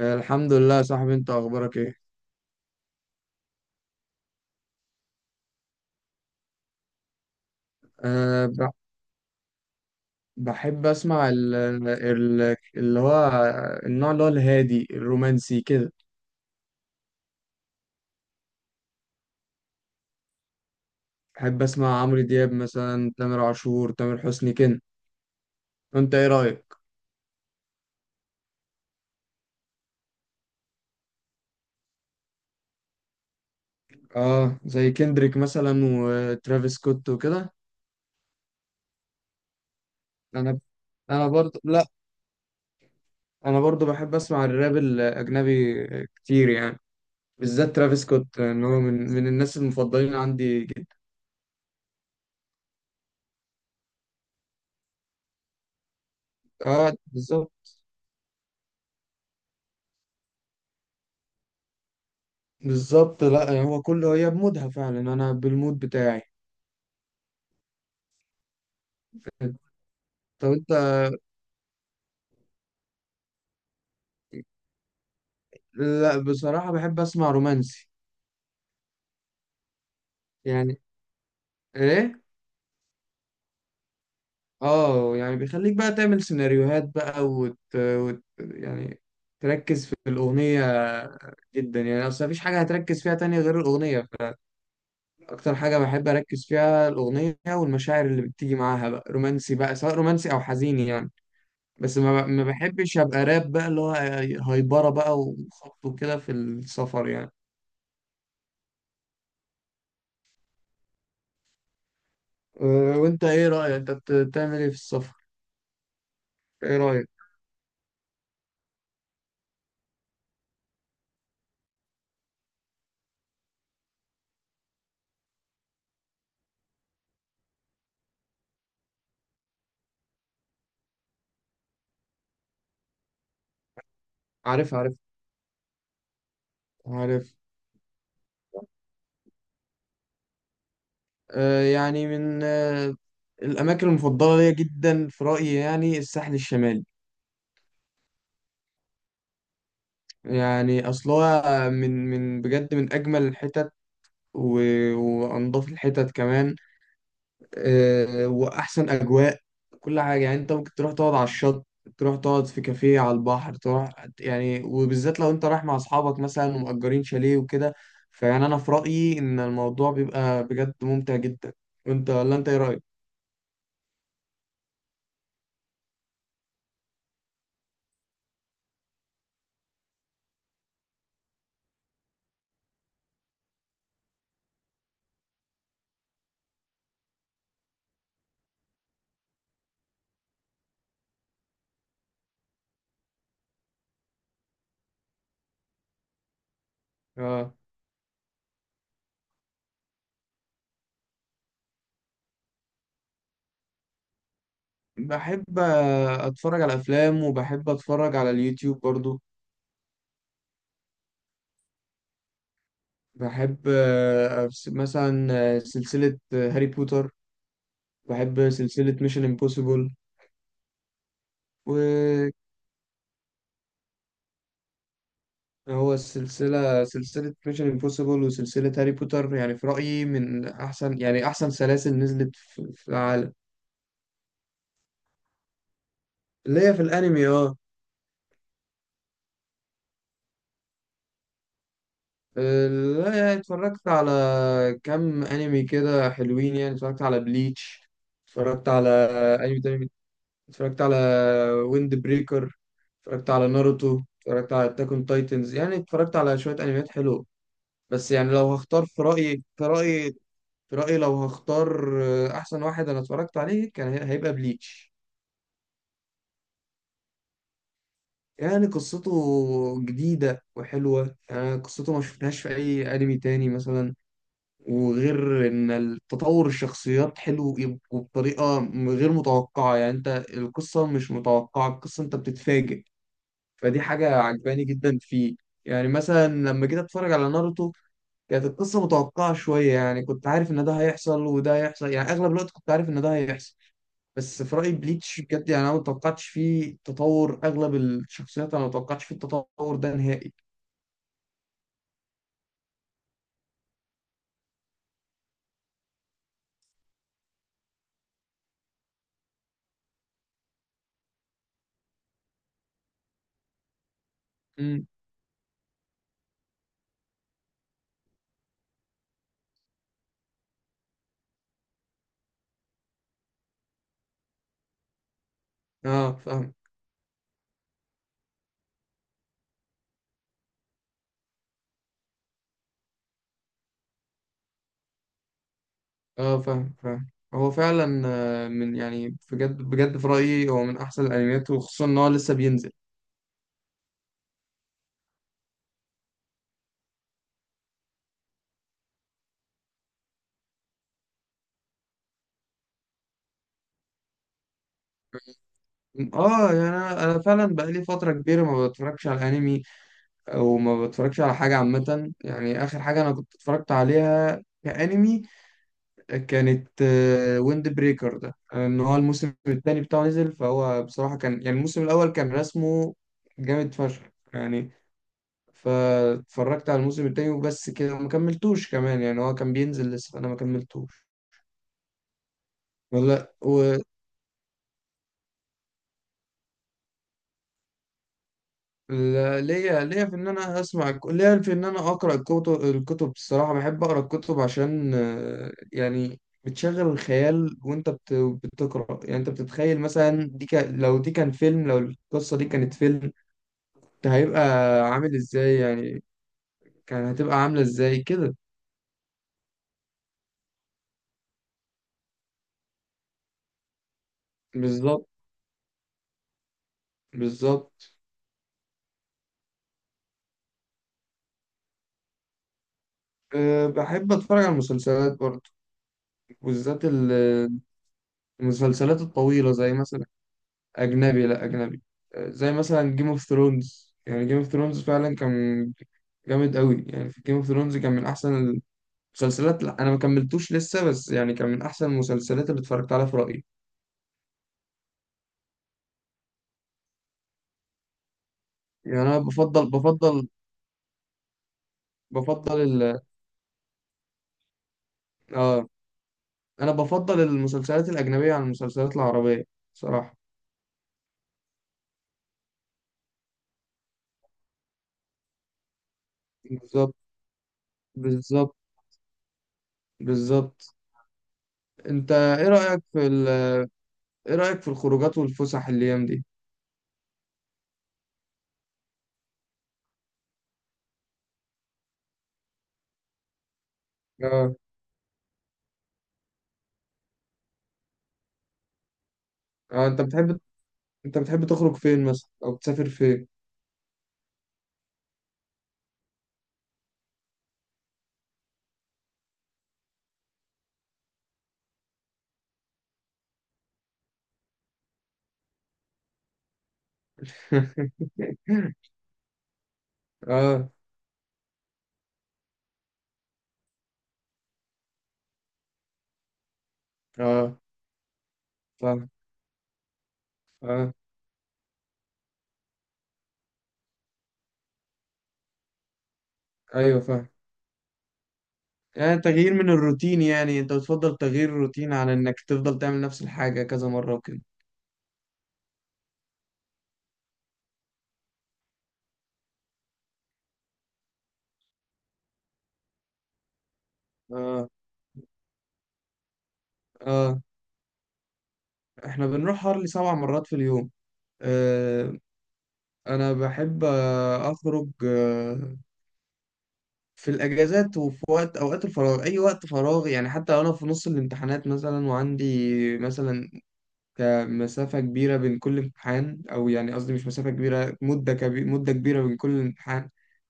الحمد لله يا صاحبي، انت اخبارك ايه؟ أه ب- بحب اسمع ال ال اللي هو النوع اللي هو الهادي الرومانسي كده. بحب اسمع عمرو دياب مثلا، تامر عاشور، تامر حسني كده. انت ايه رايك؟ اه، زي كندريك مثلا وترافيس سكوت وكده. انا انا برضه لا انا برضه بحب اسمع الراب الاجنبي كتير يعني. بالذات ترافيس سكوت، ان هو من الناس المفضلين عندي جدا. اه، بالظبط. بالظبط، لا هو كله هي بمودها فعلا، انا بالمود بتاعي. طب انت. لا، بصراحة بحب اسمع رومانسي. يعني. ايه. اه يعني بيخليك بقى تعمل سيناريوهات بقى، يعني تركز في الأغنية جدا. يعني اصل مفيش حاجة هتركز فيها تانية غير الأغنية. اكتر حاجة بحب اركز فيها الأغنية والمشاعر اللي بتيجي معاها، بقى رومانسي، بقى سواء رومانسي او حزين يعني. بس ما بحبش ابقى راب بقى اللي هو هايبرة بقى وخبط وكده في السفر يعني. وانت ايه رأيك؟ انت بتعمل ايه في السفر؟ ايه رأيك؟ عارف، عارف، عارف. يعني من أه، الاماكن المفضلة ليا جدا في رأيي، يعني الساحل الشمالي. يعني اصلها من بجد من اجمل الحتت، وانضف الحتت كمان. واحسن اجواء، كل حاجه. يعني انت ممكن تروح تقعد على الشط، تروح تقعد في كافيه على البحر، تروح يعني، وبالذات لو انت رايح مع اصحابك مثلا ومأجرين شاليه وكده. فيعني انا في رأيي ان الموضوع بيبقى بجد ممتع جدا. وانت ولا انت ايه رأيك؟ اه، بحب اتفرج على افلام وبحب اتفرج على اليوتيوب برضو. بحب مثلا سلسلة هاري بوتر. بحب سلسلة ميشن امبوسيبل. هو سلسلة ميشن امبوسيبل وسلسلة هاري بوتر، يعني في رأيي من أحسن، يعني أحسن سلاسل نزلت في العالم. اللي هي في الأنمي، اه. لا يعني اتفرجت على كام أنمي كده حلوين. يعني اتفرجت على بليتش، اتفرجت على أنمي تاني، اتفرجت على ويند بريكر، اتفرجت على ناروتو، اتفرجت على أتاك أون تايتنز، يعني اتفرجت على شوية أنميات حلوة. بس يعني لو هختار، في رأيي لو هختار أحسن واحد أنا اتفرجت عليه، كان هيبقى بليتش. يعني قصته جديدة وحلوة، يعني قصته ما شفناهاش في أي أنمي تاني مثلا. وغير إن التطور الشخصيات حلو، وبطريقة غير متوقعة. يعني أنت القصة مش متوقعة، القصة أنت بتتفاجئ. فدي حاجة عجباني جدا فيه. يعني مثلا لما جيت أتفرج على ناروتو، كانت القصة متوقعة شوية، يعني كنت عارف إن ده هيحصل وده هيحصل، يعني أغلب الوقت كنت عارف إن ده هيحصل. بس في رأيي بليتش بجد، يعني انا ما توقعتش فيه تطور اغلب الشخصيات، انا ما توقعتش فيه التطور ده نهائي. امم. اه، فاهم. اه، فاهم، فاهم. هو فعلا آه، من يعني بجد بجد في رأيي هو من احسن الانميات، وخصوصا ان هو لسه بينزل. اه، يعني انا فعلا بقالي فترة كبيرة ما بتفرجش على انمي، او ما بتفرجش على حاجة عامة. يعني اخر حاجة انا كنت اتفرجت عليها كأنمي كانت ويند بريكر، ده ان هو الموسم الثاني بتاعه نزل، فهو بصراحة كان يعني الموسم الأول كان رسمه جامد فشخ يعني. فاتفرجت على الموسم الثاني وبس كده وما كملتوش كمان، يعني هو كان بينزل لسه فأنا ما كملتوش. والله. وليا ليا في ان انا اسمع الك- ليا في ان انا اقرا الكتب، الصراحه بحب اقرا الكتب عشان يعني بتشغل الخيال. وانت بتقرا، يعني انت بتتخيل مثلا، دي كان لو دي كان فيلم لو القصه دي كانت فيلم، ده هيبقى عامل ازاي يعني؟ كان هتبقى عاملة ازاي كده؟ بالظبط. بالظبط. أه، بحب اتفرج على المسلسلات برضه، بالذات المسلسلات الطويلة، زي مثلا. اجنبي، لا اجنبي. أه زي مثلا جيم اوف ثرونز، يعني جيم اوف ثرونز فعلا كان جامد قوي. يعني في جيم اوف ثرونز كان من احسن المسلسلات. لا انا ما كملتوش لسه، بس يعني كان من احسن المسلسلات اللي اتفرجت عليها في رأيي. يعني انا بفضل ال... اه، انا بفضل المسلسلات الاجنبيه عن المسلسلات العربيه صراحه. بالظبط. بالظبط. بالظبط. انت ايه رايك في ال... ايه رايك في الخروجات والفسح الايام دي؟ اه. اه، انت بتحب، تخرج فين مثلا، او بتسافر فين؟ اه. اه، فاهم. اه، ايوه، فاهم. يعني تغيير من الروتين، يعني انت بتفضل تغيير الروتين عن انك تفضل تعمل نفس الحاجه كذا مره وكده. اه. اه، احنا بنروح هارلي 7 مرات في اليوم. آه، انا بحب اخرج في الاجازات، وفي اوقات الفراغ، اي وقت فراغ يعني. حتى لو انا في نص الامتحانات مثلا، وعندي مثلا مسافة كبيرة بين كل امتحان، او يعني قصدي مش مسافة كبيرة، مدة كبيرة بين كل امتحان.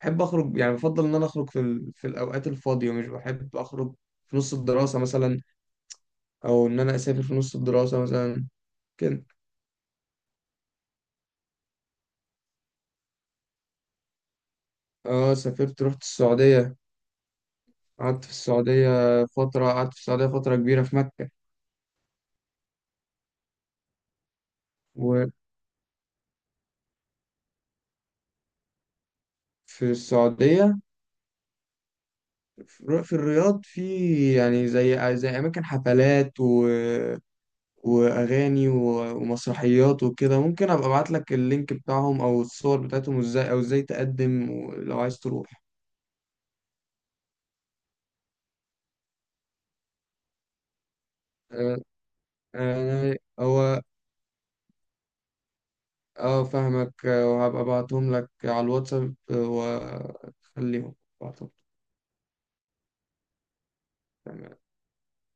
بحب اخرج، يعني بفضل ان انا اخرج في الاوقات الفاضية. مش بحب اخرج في نص الدراسة مثلا، او ان انا اسافر في نص الدراسة مثلا كده. اه، سافرت، رحت السعودية. قعدت في السعودية فترة، قعدت في السعودية فترة كبيرة في مكة. وفي السعودية، في الرياض. في يعني، زي أماكن حفلات وأغاني ومسرحيات وكده. ممكن أبقى أبعت لك اللينك بتاعهم أو الصور بتاعتهم، إزاي أو إزاي تقدم لو عايز تروح. أه، أنا- هو أه فاهمك. وهبقى أبعتهم لك على الواتساب، وأخليهم أبعتهم. تمام.